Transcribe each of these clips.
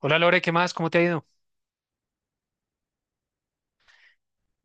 Hola Lore, ¿qué más? ¿Cómo te ha ido?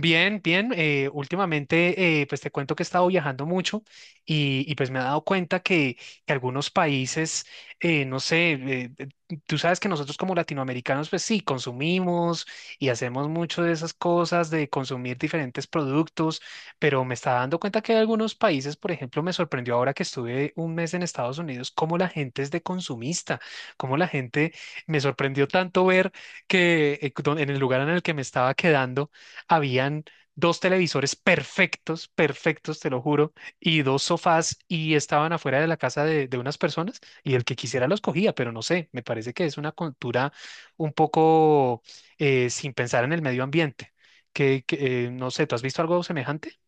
Bien, bien. Últimamente, pues te cuento que he estado viajando mucho pues me he dado cuenta que algunos países, no sé, tú sabes que nosotros como latinoamericanos, pues sí, consumimos y hacemos mucho de esas cosas, de consumir diferentes productos, pero me está dando cuenta que hay algunos países, por ejemplo, me sorprendió ahora que estuve un mes en Estados Unidos, cómo la gente es de consumista, cómo la gente me sorprendió tanto ver que en el lugar en el que me estaba quedando, habían dos televisores perfectos, perfectos, te lo juro, y dos sofás y estaban afuera de la casa de unas personas y el que quisiera los cogía, pero no sé, me parece que es una cultura un poco sin pensar en el medio ambiente, no sé, ¿tú has visto algo semejante?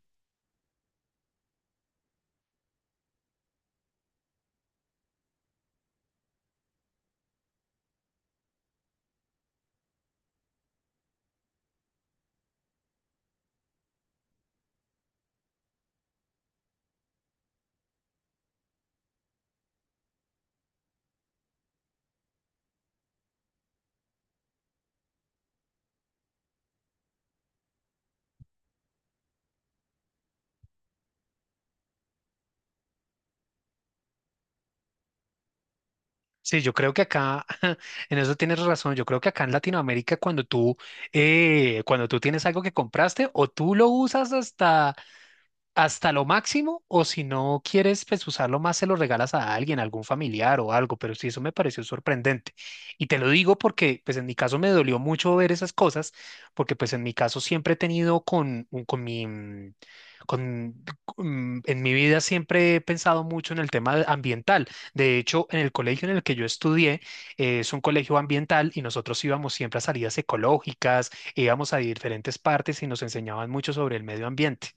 Sí, yo creo que acá, en eso tienes razón, yo creo que acá en Latinoamérica cuando tú tienes algo que compraste o tú lo usas hasta hasta lo máximo, o si no quieres pues usarlo más, se lo regalas a alguien, a algún familiar o algo, pero sí, eso me pareció sorprendente. Y te lo digo porque pues en mi caso me dolió mucho ver esas cosas, porque pues en mi caso siempre he tenido con mi, mm, con, mm, en mi vida siempre he pensado mucho en el tema ambiental. De hecho, en el colegio en el que yo estudié, es un colegio ambiental y nosotros íbamos siempre a salidas ecológicas, íbamos a diferentes partes y nos enseñaban mucho sobre el medio ambiente.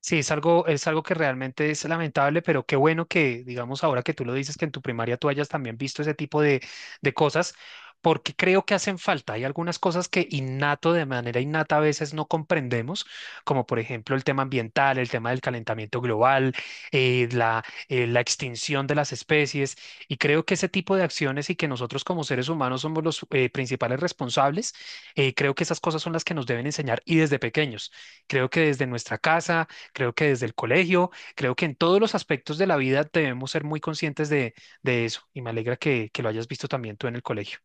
Sí, es algo que realmente es lamentable, pero qué bueno que, digamos, ahora que tú lo dices, que en tu primaria tú hayas también visto ese tipo de cosas, porque creo que hacen falta. Hay algunas cosas que innato, de manera innata, a veces no comprendemos, como por ejemplo el tema ambiental, el tema del calentamiento global, la extinción de las especies, y creo que ese tipo de acciones y que nosotros como seres humanos somos los principales responsables, creo que esas cosas son las que nos deben enseñar y desde pequeños. Creo que desde nuestra casa, creo que desde el colegio, creo que en todos los aspectos de la vida debemos ser muy conscientes de eso y me alegra que lo hayas visto también tú en el colegio.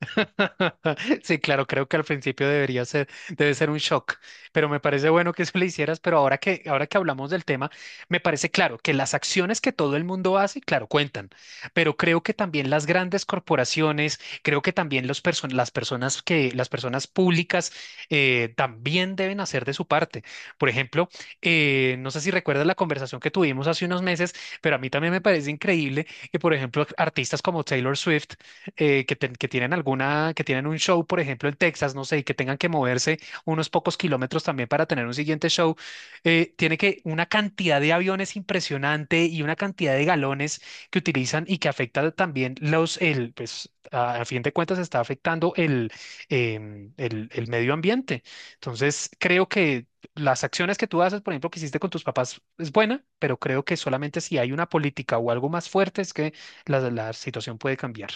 Sí, claro, creo que al principio debería ser, debe ser un shock, pero me parece bueno que eso le hicieras, pero ahora que hablamos del tema, me parece claro que las acciones que todo el mundo hace, claro, cuentan, pero creo que también las grandes corporaciones, creo que también las personas que, las personas públicas también deben hacer de su parte. Por ejemplo, no sé si recuerdas la conversación que tuvimos hace unos meses, pero a mí también me parece increíble que, por ejemplo, artistas como Taylor Swift que tienen alguna, que tienen un show, por ejemplo, en Texas, no sé, y que tengan que moverse unos pocos kilómetros también para tener un siguiente show, tiene que una cantidad de aviones impresionante y una cantidad de galones que utilizan y que afecta también los, el, pues, a fin de cuentas está afectando el medio ambiente. Entonces, creo que las acciones que tú haces, por ejemplo, que hiciste con tus papás, es buena, pero creo que solamente si hay una política o algo más fuerte es que la situación puede cambiar.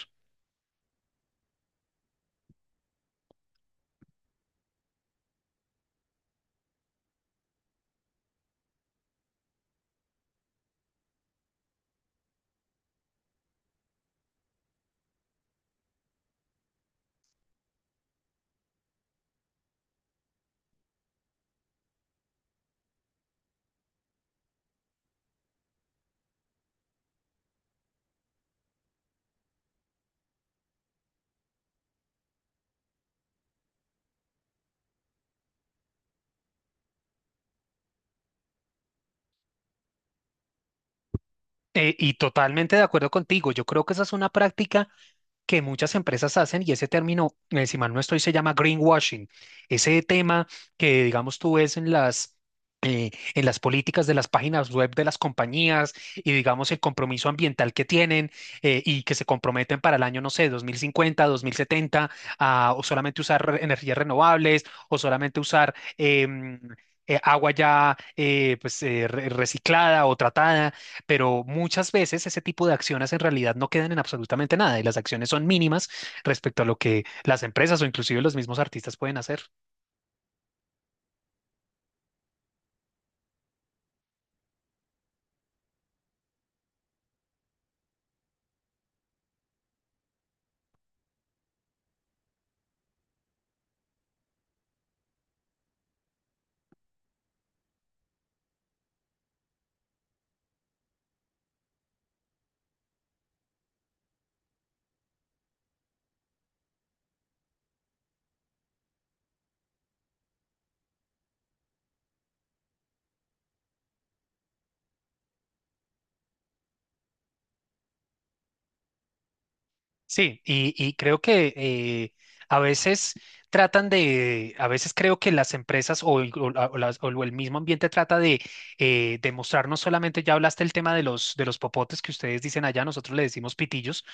Y totalmente de acuerdo contigo, yo creo que esa es una práctica que muchas empresas hacen, y ese término, si mal no estoy, se llama greenwashing. Ese tema que, digamos, tú ves en las políticas de las páginas web de las compañías y, digamos, el compromiso ambiental que tienen y que se comprometen para el año, no sé, 2050 2070 a, o solamente usar energías renovables o solamente usar agua ya reciclada o tratada, pero muchas veces ese tipo de acciones en realidad no quedan en absolutamente nada y las acciones son mínimas respecto a lo que las empresas o inclusive los mismos artistas pueden hacer. Sí, y creo que a veces tratan de, a veces creo que las empresas o el, o la- o las- o el mismo ambiente trata de demostrar no solamente, ya hablaste el tema de los popotes que ustedes dicen allá, nosotros le decimos pitillos.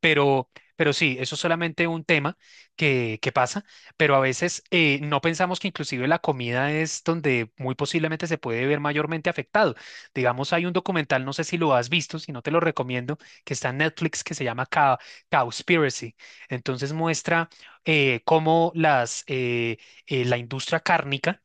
Pero, pero sí, eso es solamente un tema que pasa, pero a veces no pensamos que inclusive la comida es donde muy posiblemente se puede ver mayormente afectado. Digamos, hay un documental, no sé si lo has visto, si no te lo recomiendo, que está en Netflix, que se llama Cowspiracy. Entonces muestra eh, cómo las, eh, la industria cárnica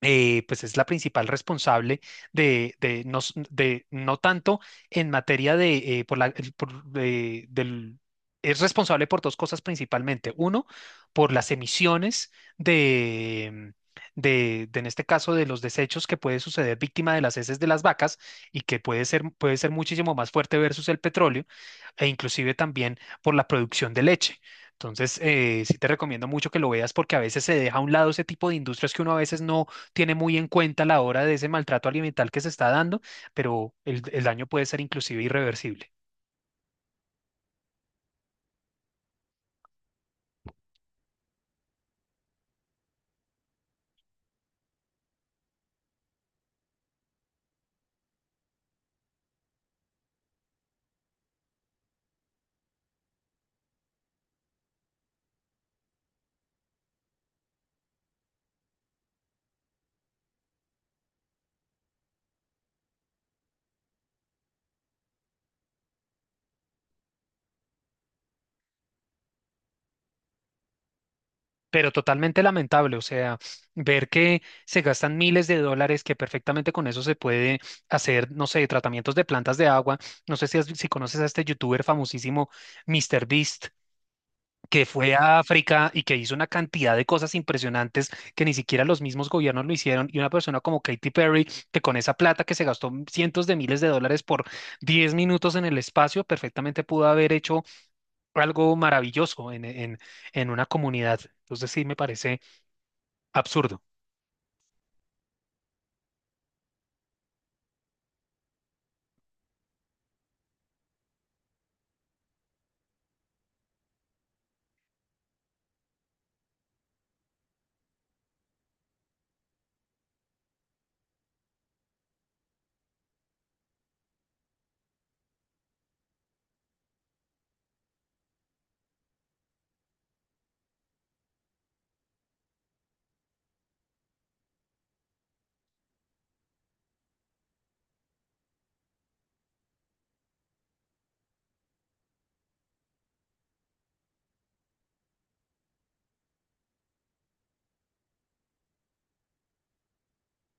pues es la principal responsable de no, s- de no tanto en materia de, por la, el- por, es responsable por dos cosas principalmente. Uno, por las emisiones de, de, en este caso, de los desechos que puede suceder víctima de las heces de las vacas y puede ser muchísimo más fuerte versus el petróleo e inclusive también por la producción de leche. Entonces, sí te recomiendo mucho que lo veas porque a veces se deja a un lado ese tipo de industrias que uno a veces no tiene muy en cuenta la hora de ese maltrato alimental que se está dando, pero el daño puede ser inclusive irreversible. Pero totalmente lamentable, o sea, ver que se gastan miles de dólares, que perfectamente con eso se puede hacer, no sé, tratamientos de plantas de agua. No sé si conoces a este youtuber famosísimo, MrBeast, que fue a África y que hizo una cantidad de cosas impresionantes que ni siquiera los mismos gobiernos lo hicieron, y una persona como Katy Perry, que con esa plata que se gastó cientos de miles de dólares por 10 minutos en el espacio, perfectamente pudo haber hecho algo maravilloso en una comunidad. Entonces sí me parece absurdo.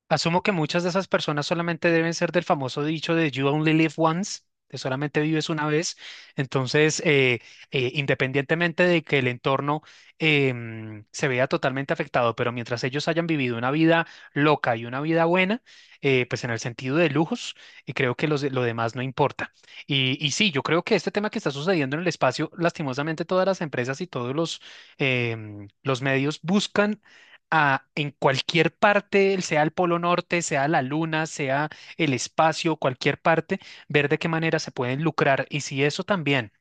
Asumo que muchas de esas personas solamente deben ser del famoso dicho de You only live once, de solamente vives una vez. Entonces, independientemente de que el entorno se vea totalmente afectado, pero mientras ellos hayan vivido una vida loca y una vida buena, pues en el sentido de lujos, y creo que lo demás no importa. Y sí, yo creo que este tema que está sucediendo en el espacio, lastimosamente todas las empresas y todos los, los medios buscan en cualquier parte, sea el Polo Norte, sea la Luna, sea el espacio, cualquier parte, ver de qué manera se pueden lucrar. Y si eso también,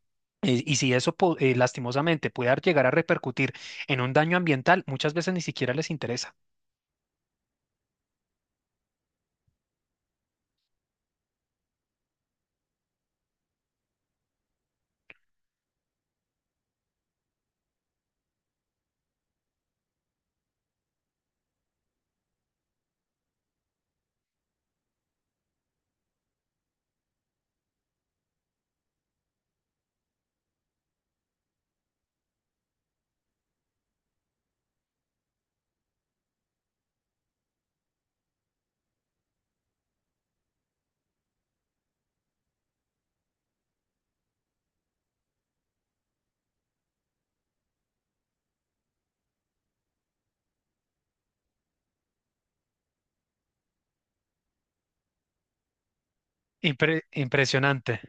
y si eso po- lastimosamente puede llegar a repercutir en un daño ambiental, muchas veces ni siquiera les interesa. Impresionante.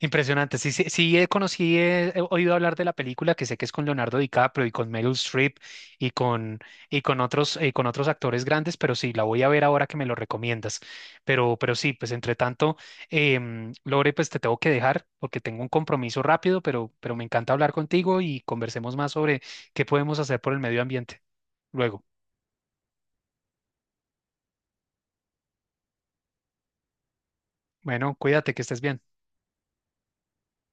Impresionante. Sí, sí, sí, conocí, he oído hablar de la película que sé que es con Leonardo DiCaprio y con Meryl Streep y con, y con otros actores grandes, pero sí, la voy a ver ahora que me lo recomiendas. Pero sí, pues entre tanto, Lore, pues te tengo que dejar porque tengo un compromiso rápido, pero me encanta hablar contigo y conversemos más sobre qué podemos hacer por el medio ambiente. Luego, bueno, cuídate, que estés bien.